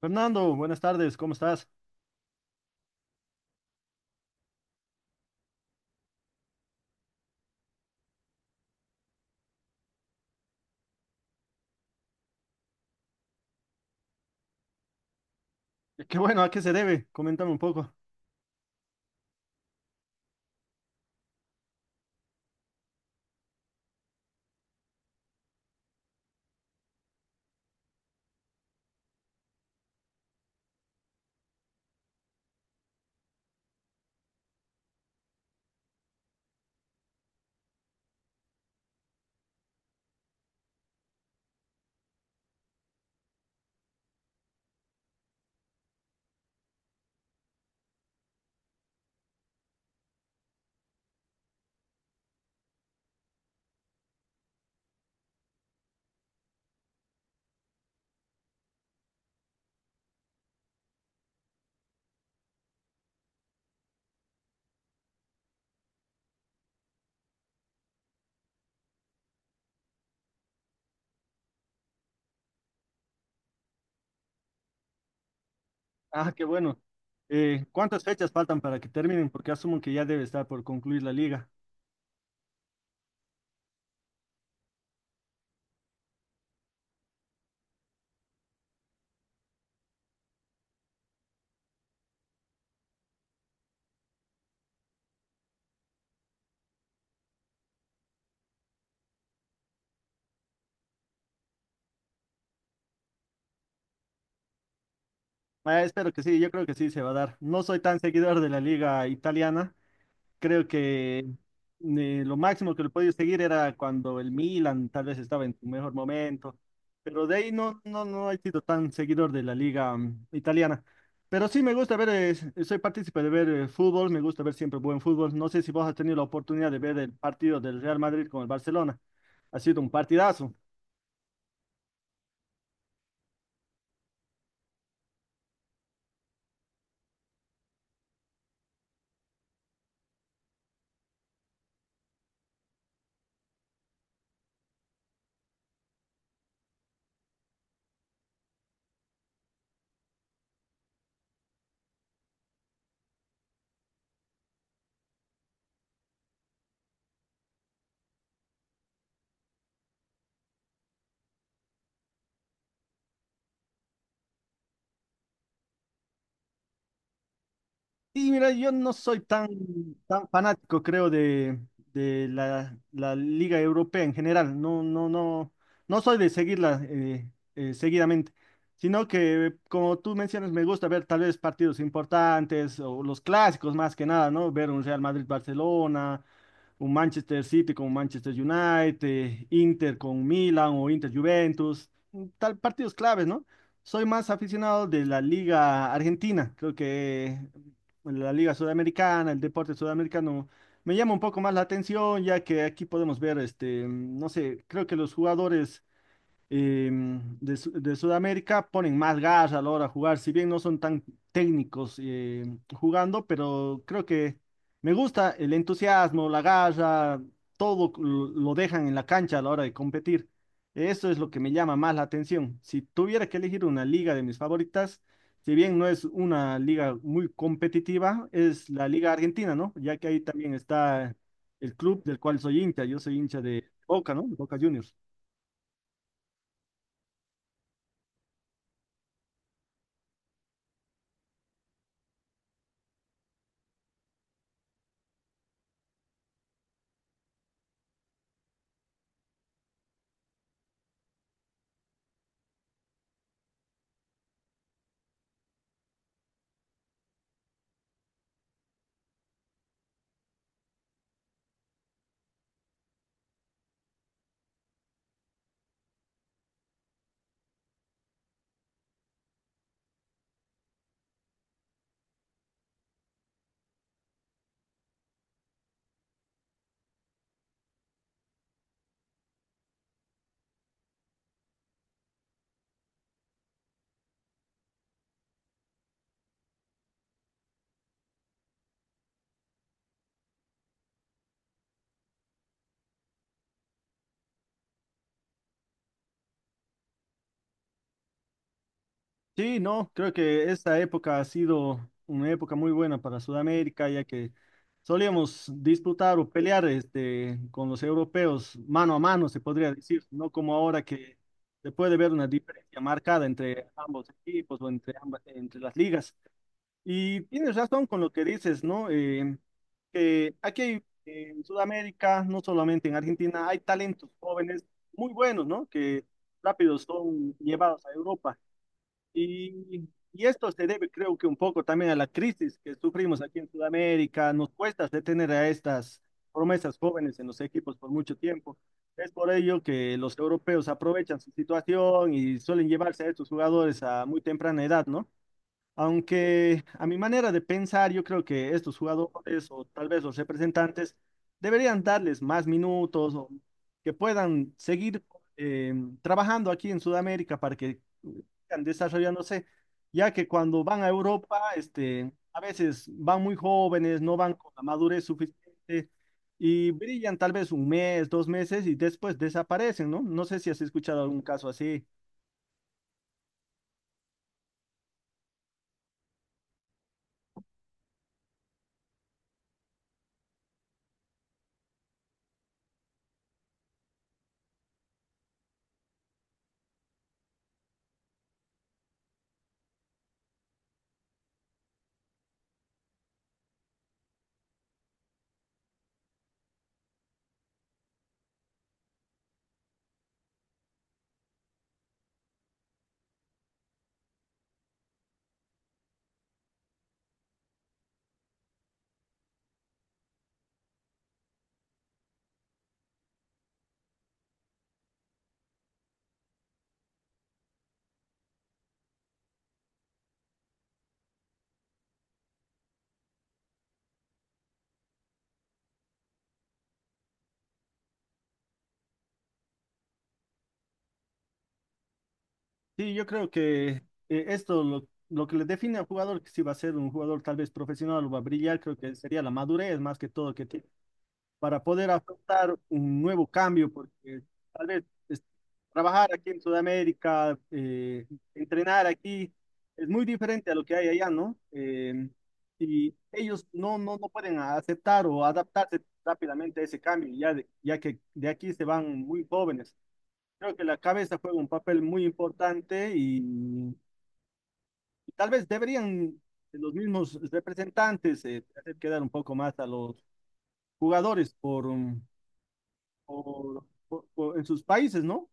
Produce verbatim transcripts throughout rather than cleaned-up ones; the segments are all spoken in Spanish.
Fernando, buenas tardes, ¿cómo estás? Eh, Qué bueno, ¿a qué se debe? Coméntame un poco. Ah, qué bueno. Eh, ¿cuántas fechas faltan para que terminen? Porque asumo que ya debe estar por concluir la liga. Ah, espero que sí, yo creo que sí se va a dar. No soy tan seguidor de la liga italiana. Creo que eh, lo máximo que lo podía seguir era cuando el Milan tal vez estaba en su mejor momento, pero de ahí no, no, no he sido tan seguidor de la liga mm, italiana. Pero sí me gusta ver, es- soy partícipe de ver eh, fútbol, me gusta ver siempre buen fútbol. No sé si vos has tenido la oportunidad de ver el partido del Real Madrid con el Barcelona. Ha sido un partidazo. Y mira, yo no soy tan, tan fanático, creo, de, de la, la Liga Europea en general. No, no, no, no soy de seguirla eh, eh, seguidamente, sino que, como tú mencionas, me gusta ver tal vez partidos importantes o los clásicos más que nada, ¿no? Ver un Real Madrid-Barcelona, un Manchester City con Manchester United, Inter con Milan o Inter-Juventus, tal partidos claves, ¿no? Soy más aficionado de la Liga Argentina, creo que bueno, la Liga Sudamericana, el deporte sudamericano, me llama un poco más la atención, ya que aquí podemos ver, este, no sé, creo que los jugadores em, de, Su- de Sudamérica ponen más gas a la hora de jugar, si bien no son tan técnicos em, jugando, pero creo que me gusta el entusiasmo, la garra, todo lo lo dejan en la cancha a la hora de competir. Eso es lo que me llama más la atención. Si tuviera que elegir una liga de mis favoritas, si bien no es una liga muy competitiva, es la liga argentina, ¿no? Ya que ahí también está el club del cual soy hincha, yo soy hincha de Boca, ¿no? Boca Juniors. Sí, no, creo que esta época ha sido una época muy buena para Sudamérica, ya que solíamos disputar o pelear este, con los europeos mano a mano, se podría decir, no como ahora que se puede ver una diferencia marcada entre ambos equipos o entre ambas, entre las ligas. Y tienes razón con lo que dices, ¿no? Eh, que aquí eh, en Sudamérica, no solamente en Argentina, hay talentos jóvenes muy buenos, ¿no? Que rápido son llevados a Europa. Y, y esto se debe, creo que un poco también a la crisis que sufrimos aquí en Sudamérica. Nos cuesta detener a estas promesas jóvenes en los equipos por mucho tiempo. Es por ello que los europeos aprovechan su situación y suelen llevarse a estos jugadores a muy temprana edad, ¿no? Aunque a mi manera de pensar, yo creo que estos jugadores o tal vez los representantes deberían darles más minutos o que puedan seguir eh, trabajando aquí en Sudamérica para que eh, sigan desarrollándose, ya que cuando van a Europa, este, a veces van muy jóvenes, no van con la madurez suficiente y brillan tal vez un mes, dos meses y después desaparecen, ¿no? No sé si has escuchado algún caso así. Sí, yo creo que eh, esto lo, lo que le define al jugador, que si va a ser un jugador tal vez profesional o va a brillar, creo que sería la madurez más que todo que tiene para poder afrontar un nuevo cambio, porque tal vez es- trabajar aquí en Sudamérica, eh, entrenar aquí, es muy diferente a lo que hay allá, ¿no? Eh, y ellos no, no, no pueden aceptar o adaptarse rápidamente a ese cambio, ya, de- ya que de aquí se van muy jóvenes. Creo que la cabeza juega un papel muy importante y, y tal vez deberían los mismos representantes eh, hacer quedar un poco más a los jugadores por, um, por- por- por- en sus países, ¿no?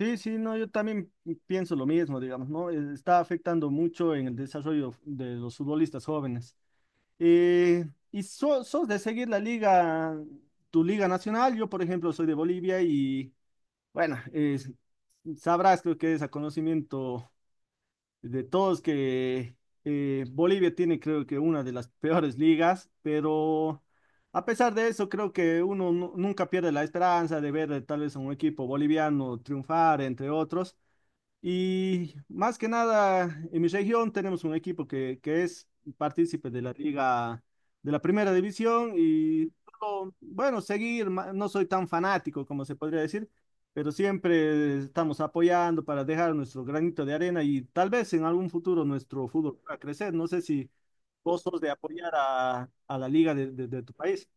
Sí, sí, no, yo también pienso lo mismo, digamos, ¿no? Eh, está afectando mucho en el desarrollo de los futbolistas jóvenes. Eh, y so- Sos de seguir la liga, tu liga nacional. Yo por ejemplo soy de Bolivia y bueno, es- sabrás creo que es a conocimiento de todos que eh, Bolivia tiene creo que una de las peores ligas, pero a pesar de eso creo que uno nu- nunca pierde la esperanza de ver eh, tal vez a un equipo boliviano triunfar, entre otros. Y más que nada, en mi región tenemos un equipo que, que es partícipe de la liga de la primera división y solo, bueno, seguir, ma- no soy tan fanático como se podría decir, pero siempre estamos apoyando para dejar nuestro granito de arena y tal vez en algún futuro nuestro fútbol pueda crecer. No sé si vos sos de apoyar a, a la liga de de- de tu país.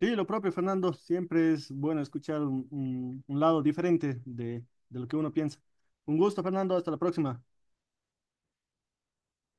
Sí, lo propio, Fernando, siempre es bueno escuchar un, un- un lado diferente de, de lo que uno piensa. Un gusto, Fernando, hasta la próxima.